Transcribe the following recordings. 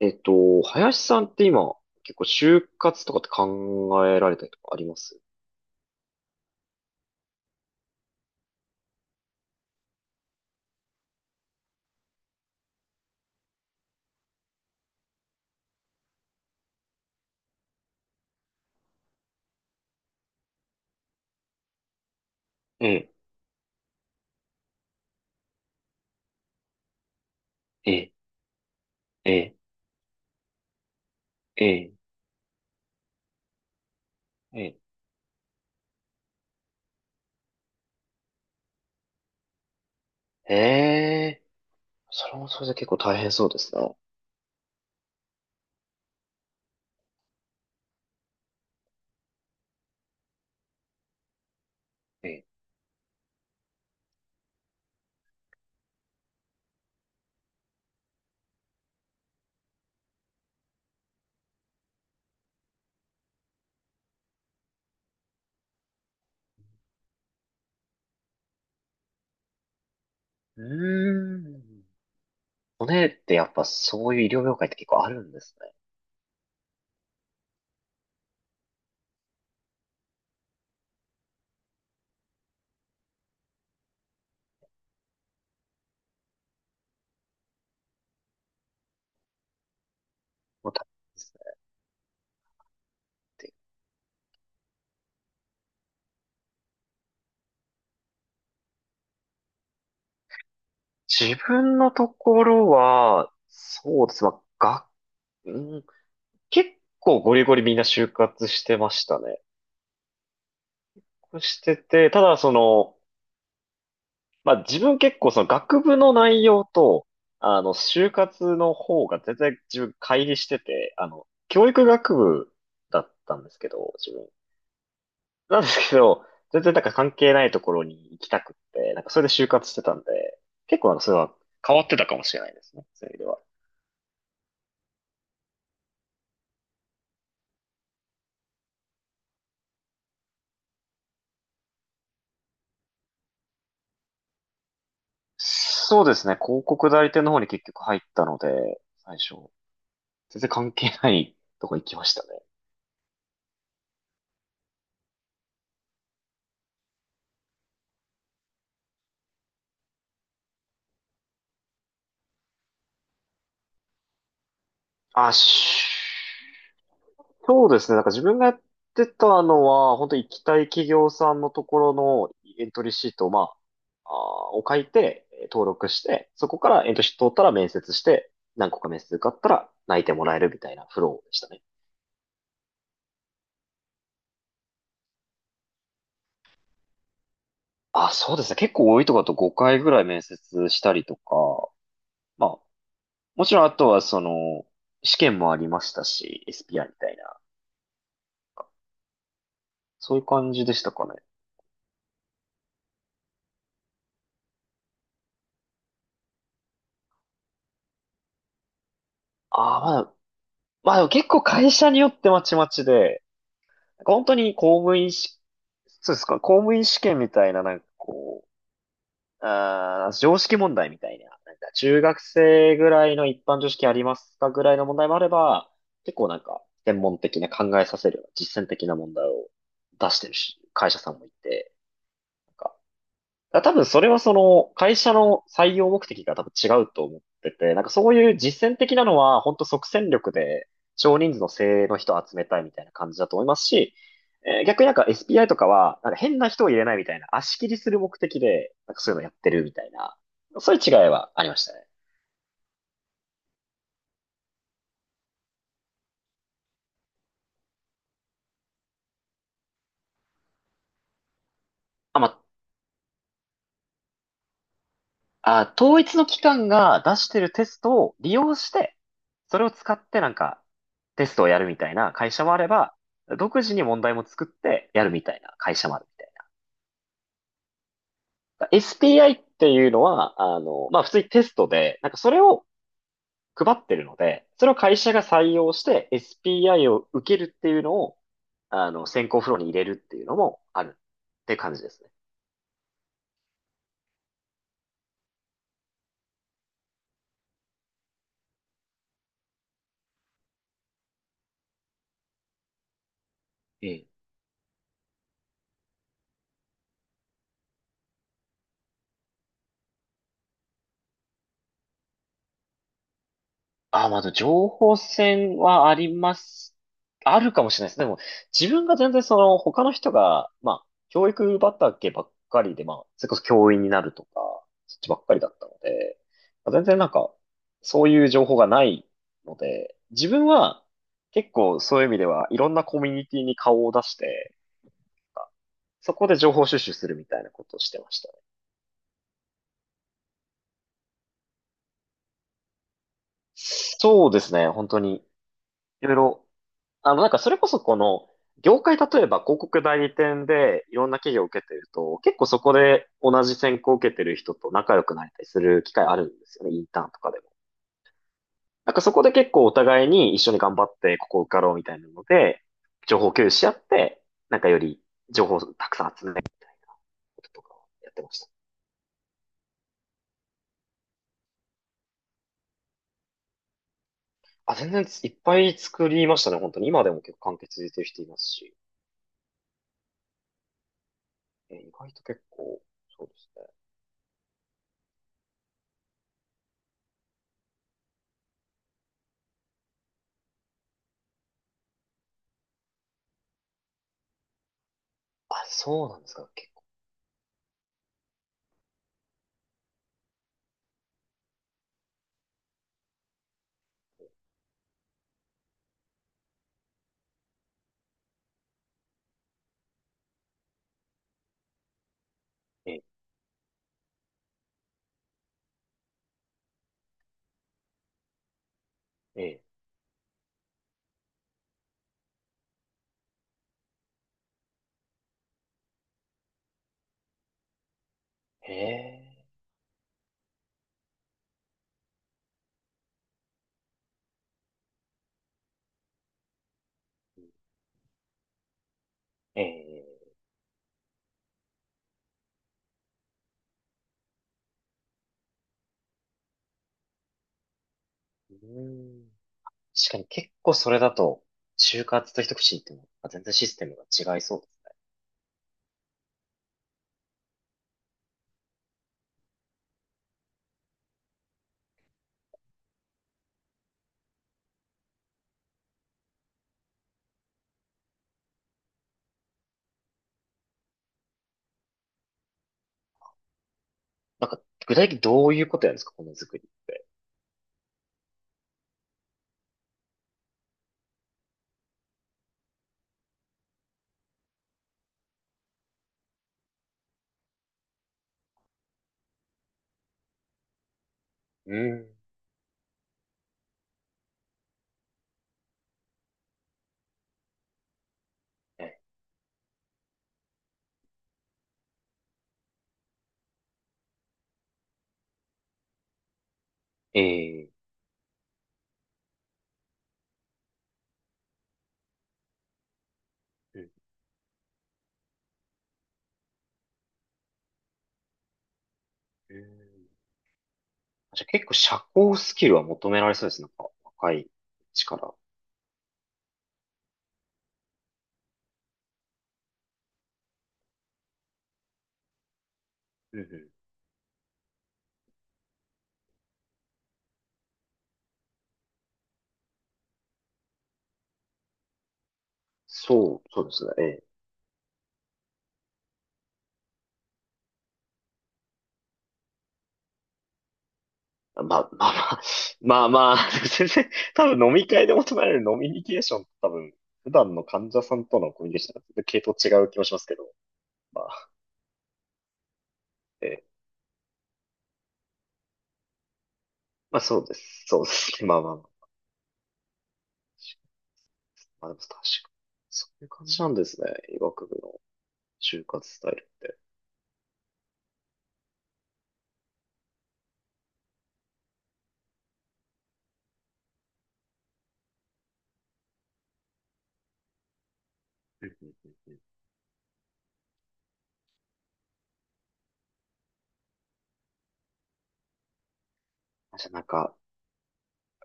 林さんって今、結構就活とかって考えられたりとかあります？ええ、ええ、ええ、ええええ。それもそれで結構大変そうですな。え、ええ、うーん。骨ってやっぱそういう医療業界って結構あるんですね。もう大変ですねっていう。自分のところは、そうです。まあ、が、うん、結構ゴリゴリみんな就活してましたね。してて、ただその、まあ自分結構その学部の内容と、あの、就活の方が全然自分乖離してて、あの、教育学部だったんですけど、自分。なんですけど、全然なんか関係ないところに行きたくって、なんかそれで就活してたんで、結構あの、それは変わってたかもしれないですね、そういう意味では。そうですね、広告代理店の方に結局入ったので、最初、全然関係ないとこ行きましたね。あ、そうですね。なんか自分がやってたのは、本当に行きたい企業さんのところのエントリーシートを、まあ、を書いて、登録して、そこからエントリーシート通ったら面接して、何個か面接受かったら内定もらえるみたいなフローでしたね。あ、そうですね。結構多いとこだと5回ぐらい面接したりとか、まあ、もちろんあとはその、試験もありましたし、s p r みたいな、そういう感じでしたかね。ああ、まあ、まあでも結構会社によってまちまちで、なんか本当に公務員し、そうですか、公務員試験みたいな、なんかこう、常識問題みたいな、なんか中学生ぐらいの一般常識ありますかぐらいの問題もあれば、結構なんか専門的な考えさせるような実践的な問題を出してるし、会社さんもいて、なんか、だから多分それはその会社の採用目的が多分違うと思ってて、なんかそういう実践的なのは本当即戦力で少人数の精鋭の人を集めたいみたいな感じだと思いますし、逆になんか SPI とかはなんか変な人を入れないみたいな足切りする目的でなんかそういうのやってるみたいな、そういう違いはありましたね。あ、まあ、あ、統一の機関が出してるテストを利用して、それを使ってなんかテストをやるみたいな会社もあれば、独自に問題も作ってやるみたいな会社もあるみたいな。SPI っていうのは、あの、まあ、普通にテストで、なんかそれを配ってるので、それを会社が採用して SPI を受けるっていうのを、あの、選考フローに入れるっていうのもあるって感じですね。ええ、あ、まあ、でも情報戦はあります。あるかもしれないです。でも、自分が全然その、他の人が、まあ、教育畑ばっかりで、まあ、それこそ教員になるとか、そっちばっかりだったので、まあ全然なんか、そういう情報がないので、自分は結構そういう意味では、いろんなコミュニティに顔を出して、そこで情報収集するみたいなことをしてましたね。そうですね、本当に。いろいろあの、なんかそれこそこの、業界例えば広告代理店でいろんな企業を受けてると、結構そこで同じ選考を受けてる人と仲良くなれたりする機会あるんですよね、インターンとかでも。なんかそこで結構お互いに一緒に頑張ってここ受かろうみたいなので、情報共有し合って、なんかより情報をたくさん集めることとかをやってました。あ、全然いっぱい作りましたね、本当に。今でも結構完結してる人いますし。え、意外と結構、そうですね。あ、そうなんですか、結構。ええ、ええ、へえ。ええ、うーん。確かに結構それだと、就活と一口に言っても、あ、全然システムが違いそうですね。なんか、具体的にどういうことやるんですか、この作りって。うん。ええ、ええ、うん、うん、じゃあ結構社交スキルは求められそうですね、なんか若い力。うん、うん、そう、そうですね。ええ、まあまあまあ、まあまあ、全然、多分飲み会で求められる飲みニケーションって多分、普段の患者さんとのコミュニケーションと全然系統違う気もしますけど、まあ、ええ、まあそうです。そうですね。まあまあまあ。まあでも確かに。そういう感じなんですね。医学部の就活スタイルって。うん、うん、うん、うん、あ、じゃあなんか、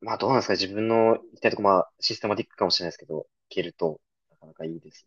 まあどうなんですかね、自分の行きたいとこ、まあシステマティックかもしれないですけど、行けると、なかなかいいです。